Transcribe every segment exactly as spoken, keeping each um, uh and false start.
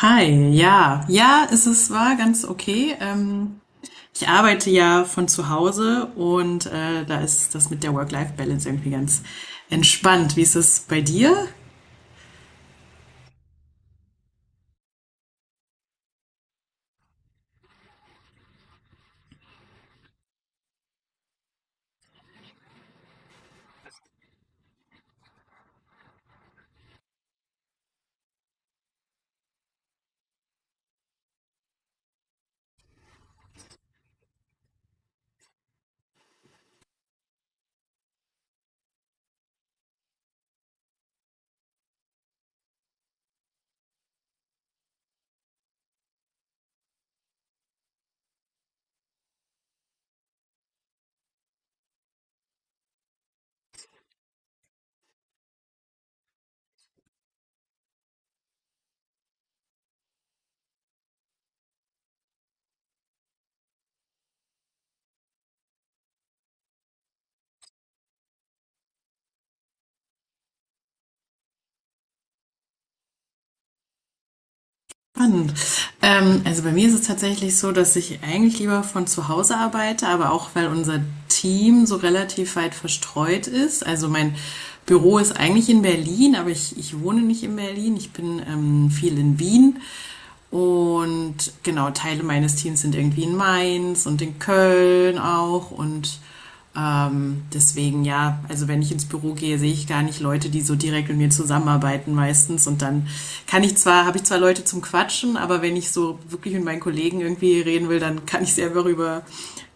Hi, ja. Ja, es ist, war ganz okay. Ähm, ich arbeite ja von zu Hause und äh, da ist das mit der Work-Life-Balance irgendwie ganz entspannt. Wie ist es bei dir? Ähm, also bei mir ist es tatsächlich so, dass ich eigentlich lieber von zu Hause arbeite, aber auch weil unser Team so relativ weit verstreut ist. Also mein Büro ist eigentlich in Berlin, aber ich, ich wohne nicht in Berlin. Ich bin ähm, viel in Wien. Und genau, Teile meines Teams sind irgendwie in Mainz und in Köln auch. Und ähm, deswegen ja, also wenn ich ins Büro gehe, sehe ich gar nicht Leute, die so direkt mit mir zusammenarbeiten meistens. Und dann kann ich zwar, habe ich zwar Leute zum Quatschen, aber wenn ich so wirklich mit meinen Kollegen irgendwie reden will, dann kann ich sie einfach über,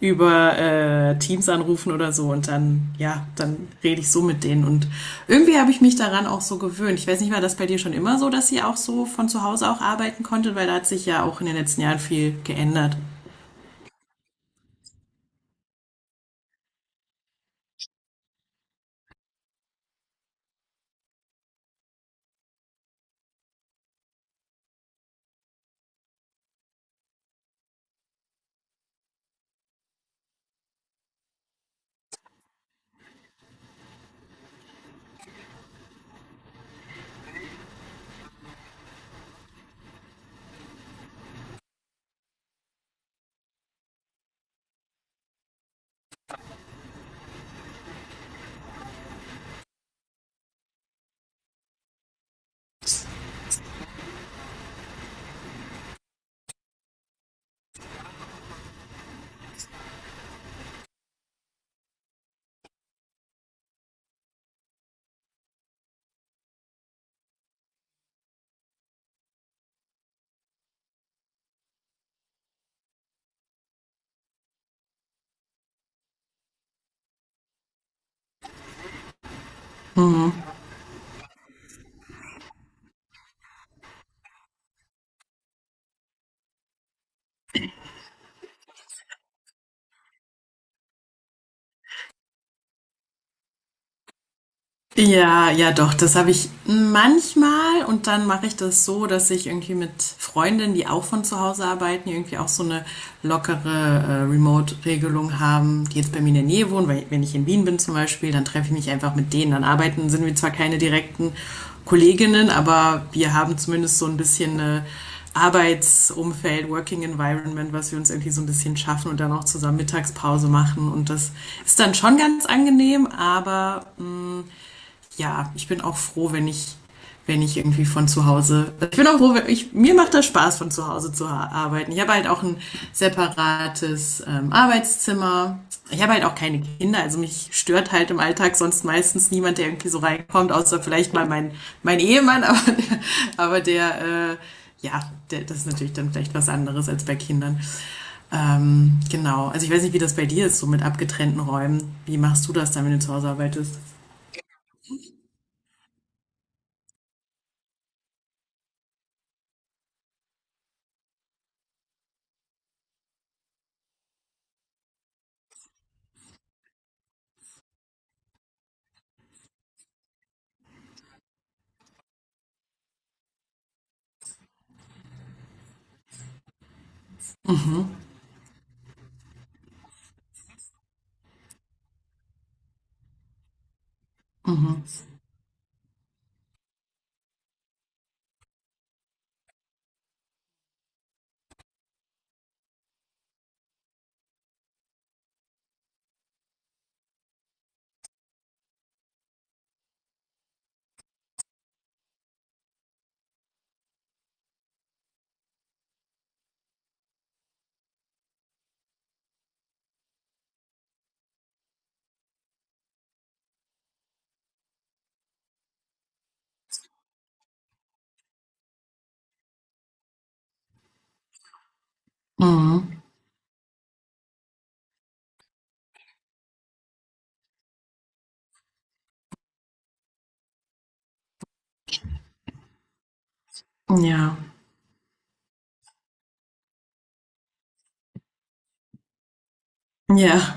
über äh, Teams anrufen oder so. Und dann, ja, dann rede ich so mit denen. Und irgendwie habe ich mich daran auch so gewöhnt. Ich weiß nicht, war das bei dir schon immer so, dass ihr auch so von zu Hause auch arbeiten konntet, weil da hat sich ja auch in den letzten Jahren viel geändert. Ja, ja doch, das habe ich manchmal und dann mache ich das so, dass ich irgendwie mit Freundinnen, die auch von zu Hause arbeiten, die irgendwie auch so eine lockere äh, Remote-Regelung haben, die jetzt bei mir in der Nähe wohnen, weil wenn ich in Wien bin zum Beispiel, dann treffe ich mich einfach mit denen, dann arbeiten, sind wir zwar keine direkten Kolleginnen, aber wir haben zumindest so ein bisschen eine Arbeitsumfeld, Working Environment, was wir uns irgendwie so ein bisschen schaffen und dann auch zusammen Mittagspause machen. Und das ist dann schon ganz angenehm, aber ja, ich bin auch froh, wenn ich, wenn ich irgendwie von zu Hause, ich bin auch froh, wenn ich, mir macht das Spaß, von zu Hause zu ha- arbeiten. Ich habe halt auch ein separates ähm, Arbeitszimmer. Ich habe halt auch keine Kinder, also mich stört halt im Alltag sonst meistens niemand, der irgendwie so reinkommt, außer vielleicht mal mein, mein Ehemann, aber der, aber der äh, ja, der, das ist natürlich dann vielleicht was anderes als bei Kindern. Ähm, genau, also ich weiß nicht, wie das bei dir ist, so mit abgetrennten Räumen. Wie machst du das dann, wenn du zu Hause arbeitest? Mhm. Ja, ja.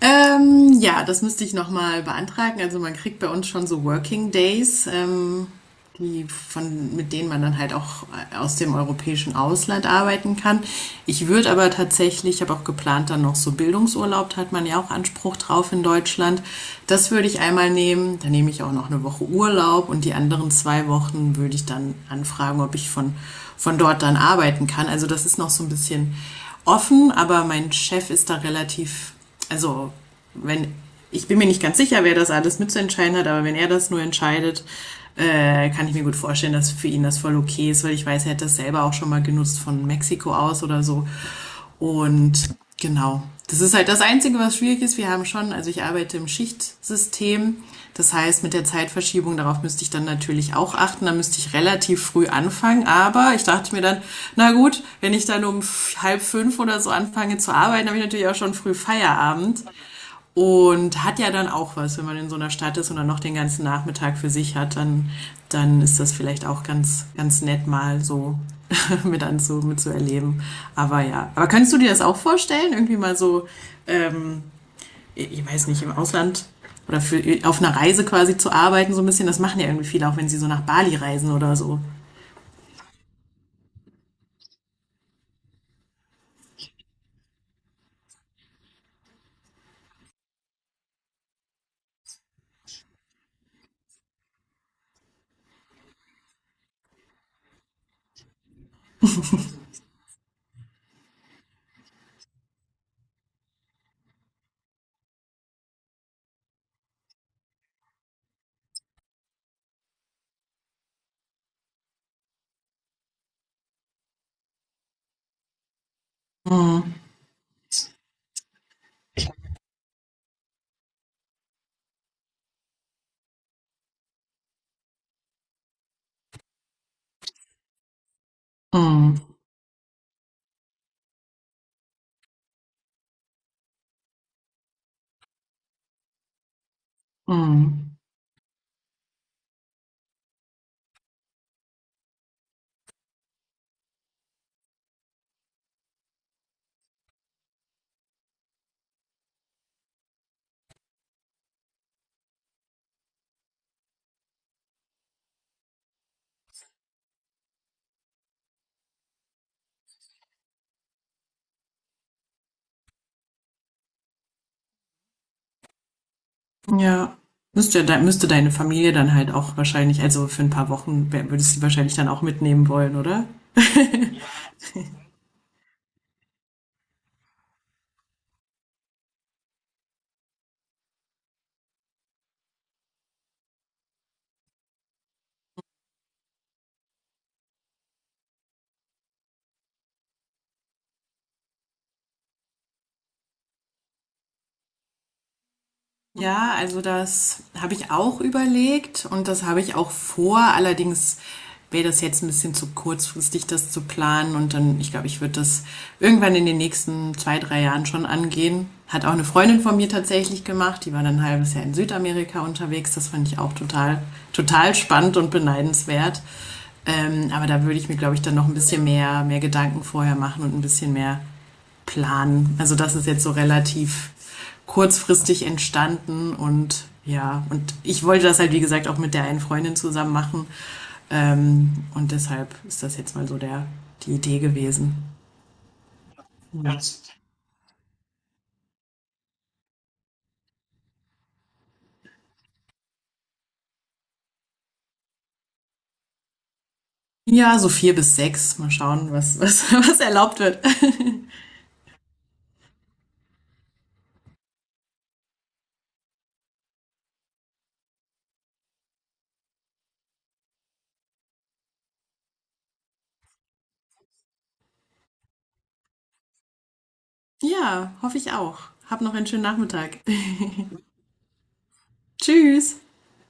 Ähm, ja, das müsste ich nochmal beantragen. Also man kriegt bei uns schon so Working Days. Ähm, die von, mit denen man dann halt auch äh, aus dem europäischen Ausland arbeiten kann. Ich würde aber tatsächlich, Ich habe auch geplant, dann noch so Bildungsurlaub, da hat man ja auch Anspruch drauf in Deutschland. Das würde ich einmal nehmen. Dann nehme ich auch noch eine Woche Urlaub und die anderen zwei Wochen würde ich dann anfragen, ob ich von, von dort dann arbeiten kann. Also das ist noch so ein bisschen offen, aber mein Chef ist da relativ, also wenn, ich bin mir nicht ganz sicher, wer das alles mitzuentscheiden hat, aber wenn er das nur entscheidet, äh, kann ich mir gut vorstellen, dass für ihn das voll okay ist, weil ich weiß, er hat das selber auch schon mal genutzt von Mexiko aus oder so. Und genau, das ist halt das Einzige, was schwierig ist. Wir haben schon, also ich arbeite im Schichtsystem, das heißt, mit der Zeitverschiebung, darauf müsste ich dann natürlich auch achten. Da müsste ich relativ früh anfangen. Aber ich dachte mir dann, na gut, wenn ich dann um halb fünf oder so anfange zu arbeiten, habe ich natürlich auch schon früh Feierabend. Und hat ja dann auch was, wenn man in so einer Stadt ist und dann noch den ganzen Nachmittag für sich hat, dann, dann ist das vielleicht auch ganz, ganz nett mal so mit anzu, mit zu erleben. Aber ja. Aber kannst du dir das auch vorstellen? Irgendwie mal so, ähm, ich weiß nicht, im Ausland oder für, auf einer Reise quasi zu arbeiten, so ein bisschen, das machen ja irgendwie viele, auch wenn sie so nach Bali reisen oder so. Mm, mm, ja. Müsste, müsste deine Familie dann halt auch wahrscheinlich, also für ein paar Wochen würdest du sie wahrscheinlich dann auch mitnehmen wollen, oder? Ja, also das habe ich auch überlegt und das habe ich auch vor. Allerdings wäre das jetzt ein bisschen zu kurzfristig, das zu planen. Und dann, ich glaube, ich würde das irgendwann in den nächsten zwei, drei Jahren schon angehen. Hat auch eine Freundin von mir tatsächlich gemacht. Die war dann ein halbes Jahr in Südamerika unterwegs. Das fand ich auch total, total spannend und beneidenswert. Ähm, aber da würde ich mir, glaube ich, dann noch ein bisschen mehr, mehr Gedanken vorher machen und ein bisschen mehr planen. Also das ist jetzt so relativ kurzfristig entstanden und ja, und ich wollte das halt, wie gesagt, auch mit der einen Freundin zusammen machen. Ähm, und deshalb ist das jetzt mal so der, die Idee gewesen. Ja, so vier bis sechs. Mal schauen, was, was, was erlaubt wird. Ja, hoffe ich auch. Hab noch einen schönen Nachmittag. Tschüss.